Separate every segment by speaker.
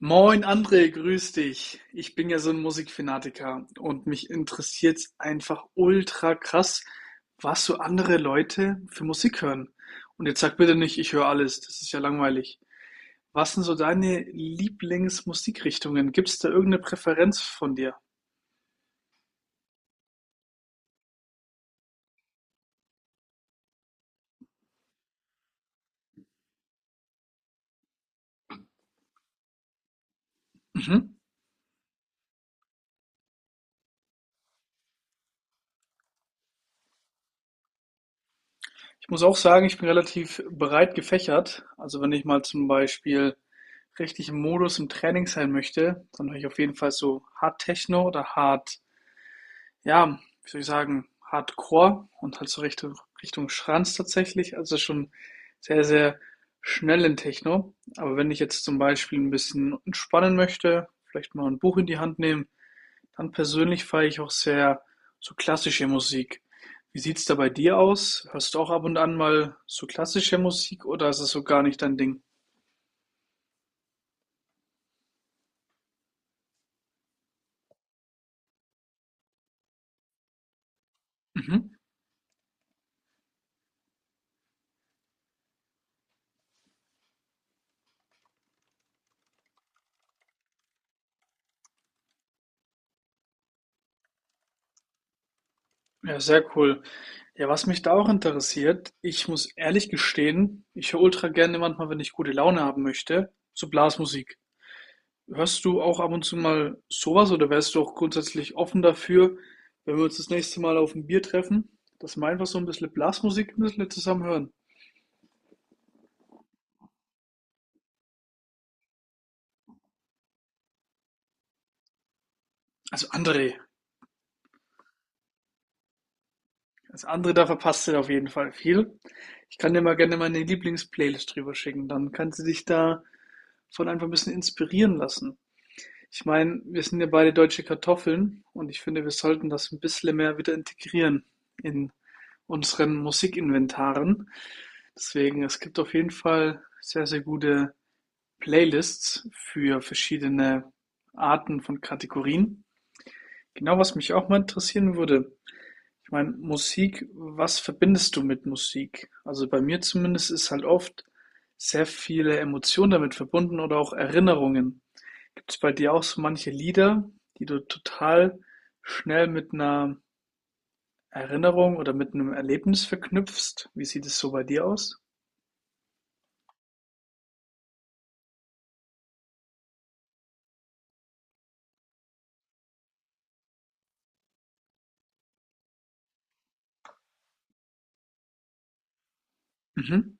Speaker 1: Moin André, grüß dich. Ich bin ja so ein Musikfanatiker und mich interessiert's einfach ultra krass, was so andere Leute für Musik hören. Und jetzt sag bitte nicht: „Ich höre alles“, das ist ja langweilig. Was sind so deine Lieblingsmusikrichtungen? Gibt's da irgendeine Präferenz von dir? Mhm. Ich muss auch sagen, ich bin relativ breit gefächert. Also, wenn ich mal zum Beispiel richtig im Modus im Training sein möchte, dann höre ich auf jeden Fall so Hard Techno oder Hard. Ja, wie soll ich sagen, Hardcore und halt so Richtung Schranz tatsächlich. Also schon sehr, sehr schnellen Techno. Aber wenn ich jetzt zum Beispiel ein bisschen entspannen möchte, vielleicht mal ein Buch in die Hand nehmen, dann persönlich feiere ich auch sehr so klassische Musik. Wie sieht's da bei dir aus? Hörst du auch ab und an mal so klassische Musik oder ist es so gar nicht dein Ding? Mhm. Ja, sehr cool. Ja, was mich da auch interessiert, ich muss ehrlich gestehen, ich höre ultra gerne manchmal, wenn ich gute Laune haben möchte, so Blasmusik. Hörst du auch ab und zu mal sowas oder wärst du auch grundsätzlich offen dafür, wenn wir uns das nächste Mal auf ein Bier treffen, dass wir einfach so ein bisschen Blasmusik ein bisschen zusammen hören? Also André, also André, da verpasst du auf jeden Fall viel. Ich kann dir mal gerne meine Lieblingsplaylist drüber schicken, dann kannst du dich davon einfach ein bisschen inspirieren lassen. Ich meine, wir sind ja beide deutsche Kartoffeln und ich finde, wir sollten das ein bisschen mehr wieder integrieren in unseren Musikinventaren. Deswegen, es gibt auf jeden Fall sehr, sehr gute Playlists für verschiedene Arten von Kategorien. Genau, was mich auch mal interessieren würde. Ich meine, Musik, was verbindest du mit Musik? Also bei mir zumindest ist halt oft sehr viele Emotionen damit verbunden oder auch Erinnerungen. Gibt's bei dir auch so manche Lieder, die du total schnell mit einer Erinnerung oder mit einem Erlebnis verknüpfst? Wie sieht es so bei dir aus? Mhm.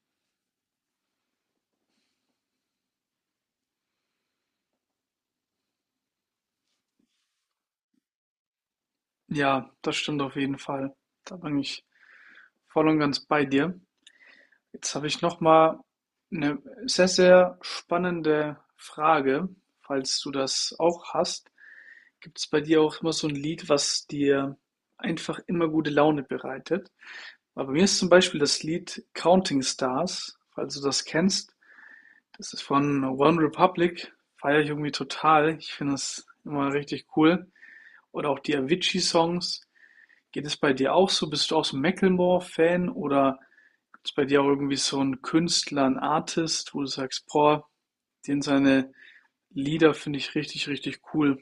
Speaker 1: Ja, das stimmt auf jeden Fall. Da bin ich voll und ganz bei dir. Jetzt habe ich noch mal eine sehr, sehr spannende Frage, falls du das auch hast. Gibt es bei dir auch immer so ein Lied, was dir einfach immer gute Laune bereitet? Aber bei mir ist zum Beispiel das Lied „Counting Stars“, falls du das kennst. Das ist von OneRepublic, feiere ich irgendwie total. Ich finde das immer richtig cool. Oder auch die Avicii-Songs. Geht es bei dir auch so? Bist du auch so 'n Macklemore-Fan oder gibt's bei dir auch irgendwie so 'n Künstler, 'n Artist, wo du sagst: „Boah, den seine Lieder finde ich richtig, richtig cool.“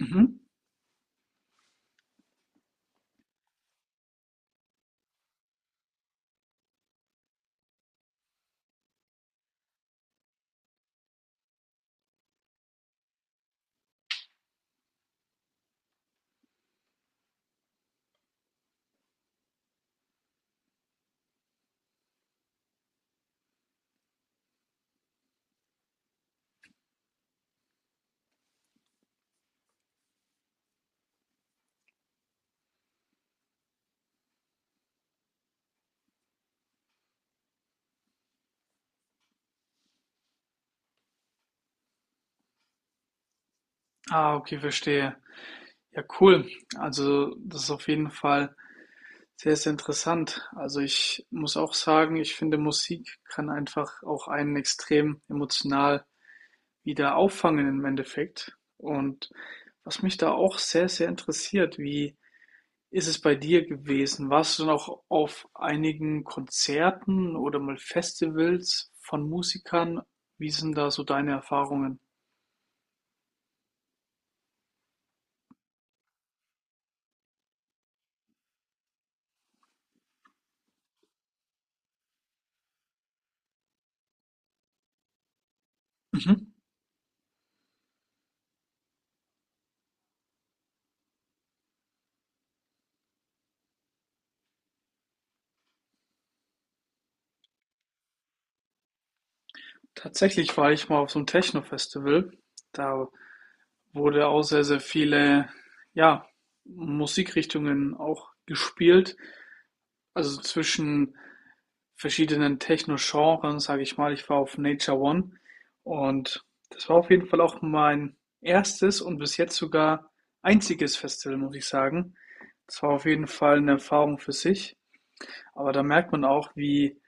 Speaker 1: Mhm. Ah, okay, verstehe. Ja, cool. Also, das ist auf jeden Fall sehr, sehr interessant. Also ich muss auch sagen, ich finde, Musik kann einfach auch einen extrem emotional wieder auffangen im Endeffekt. Und was mich da auch sehr, sehr interessiert, wie ist es bei dir gewesen? Warst du noch auf einigen Konzerten oder mal Festivals von Musikern? Wie sind da so deine Erfahrungen? Mhm. Tatsächlich war ich mal auf so einem Techno-Festival. Da wurde auch sehr, sehr viele, ja, Musikrichtungen auch gespielt. Also zwischen verschiedenen Techno-Genren, sage ich mal. Ich war auf Nature One und das war auf jeden Fall auch mein erstes und bis jetzt sogar einziges Festival, muss ich sagen. Das war auf jeden Fall eine Erfahrung für sich. Aber da merkt man auch, wie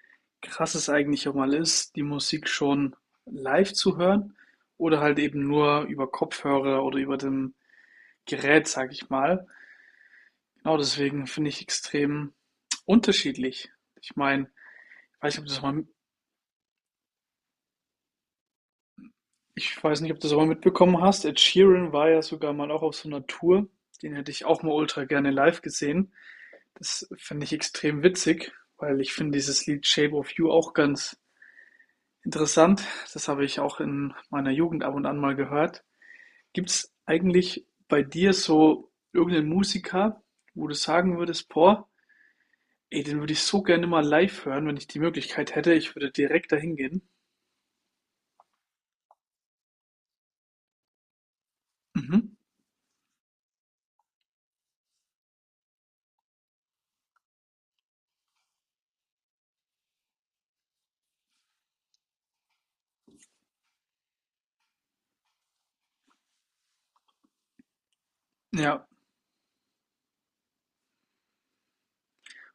Speaker 1: krass es eigentlich auch mal ist, die Musik schon live zu hören oder halt eben nur über Kopfhörer oder über den gerät, sage ich mal. Genau deswegen finde ich extrem unterschiedlich. Ich meine, ich weiß nicht, ob du das mal, ich weiß nicht, ob du das mal mitbekommen hast. Ed Sheeran war ja sogar mal auch auf so einer Tour. Den hätte ich auch mal ultra gerne live gesehen. Das finde ich extrem witzig, weil ich finde dieses Lied Shape of You auch ganz interessant. Das habe ich auch in meiner Jugend ab und an mal gehört. Gibt es eigentlich bei dir so irgendeinen Musiker, wo du sagen würdest, boah, ey, den würde ich so gerne mal live hören, wenn ich die Möglichkeit hätte. Ich würde direkt dahin gehen. Mhm. Ja,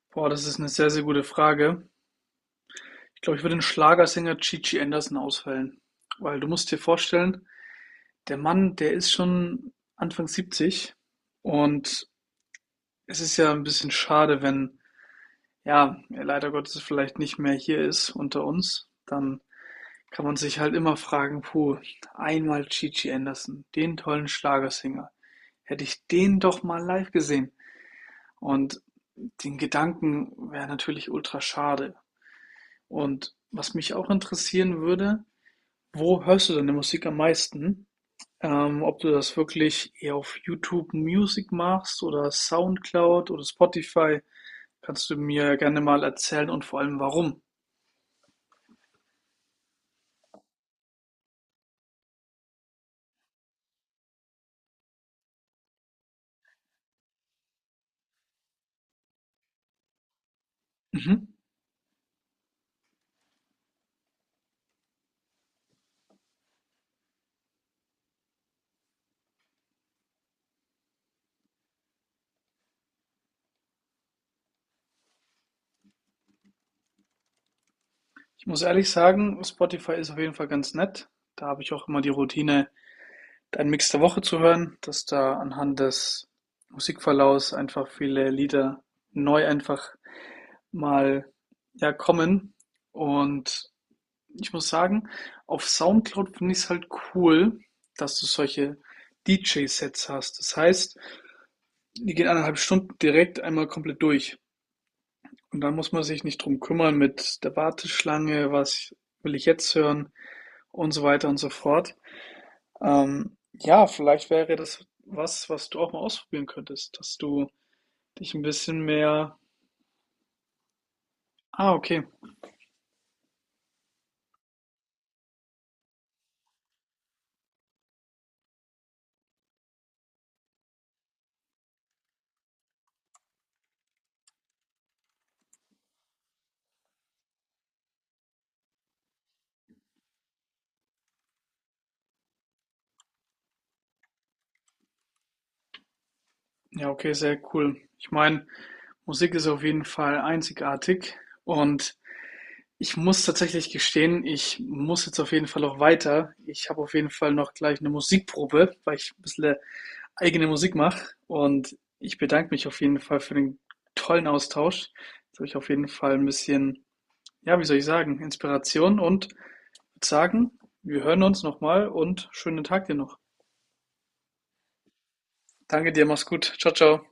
Speaker 1: boah, das ist eine sehr, sehr gute Frage. Ich glaube, ich würde den Schlagersänger Gigi Anderson auswählen, weil du musst dir vorstellen, der Mann, der ist schon Anfang 70 und es ist ja ein bisschen schade, wenn, ja, er leider Gottes vielleicht nicht mehr hier ist unter uns. Dann kann man sich halt immer fragen, puh, einmal Gigi Anderson, den tollen Schlagersänger. Hätte ich den doch mal live gesehen. Und den Gedanken wäre natürlich ultra schade. Und was mich auch interessieren würde, wo hörst du deine Musik am meisten? Ob du das wirklich eher auf YouTube Music machst oder SoundCloud oder Spotify, kannst du mir gerne mal erzählen und vor allem warum. Mhm. Ich muss ehrlich sagen, Spotify ist auf jeden Fall ganz nett. Da habe ich auch immer die Routine, deinen Mix der Woche zu hören, dass da anhand des Musikverlaufs einfach viele Lieder neu einfach mal, ja, kommen. Und ich muss sagen, auf Soundcloud finde ich es halt cool, dass du solche DJ-Sets hast. Das heißt, die gehen eineinhalb Stunden direkt einmal komplett durch. Und dann muss man sich nicht drum kümmern mit der Warteschlange, was will ich jetzt hören und so weiter und so fort. Ja, vielleicht wäre das was, was du auch mal ausprobieren könntest, dass du dich ein bisschen mehr. Ah, okay. Ja, okay, sehr cool. Ich meine, Musik ist auf jeden Fall einzigartig und ich muss tatsächlich gestehen, ich muss jetzt auf jeden Fall auch weiter. Ich habe auf jeden Fall noch gleich eine Musikprobe, weil ich ein bisschen eigene Musik mache und ich bedanke mich auf jeden Fall für den tollen Austausch. Jetzt habe ich auf jeden Fall ein bisschen, ja, wie soll ich sagen, Inspiration und würde sagen, wir hören uns nochmal und schönen Tag dir noch. Danke dir, mach's gut. Ciao, ciao.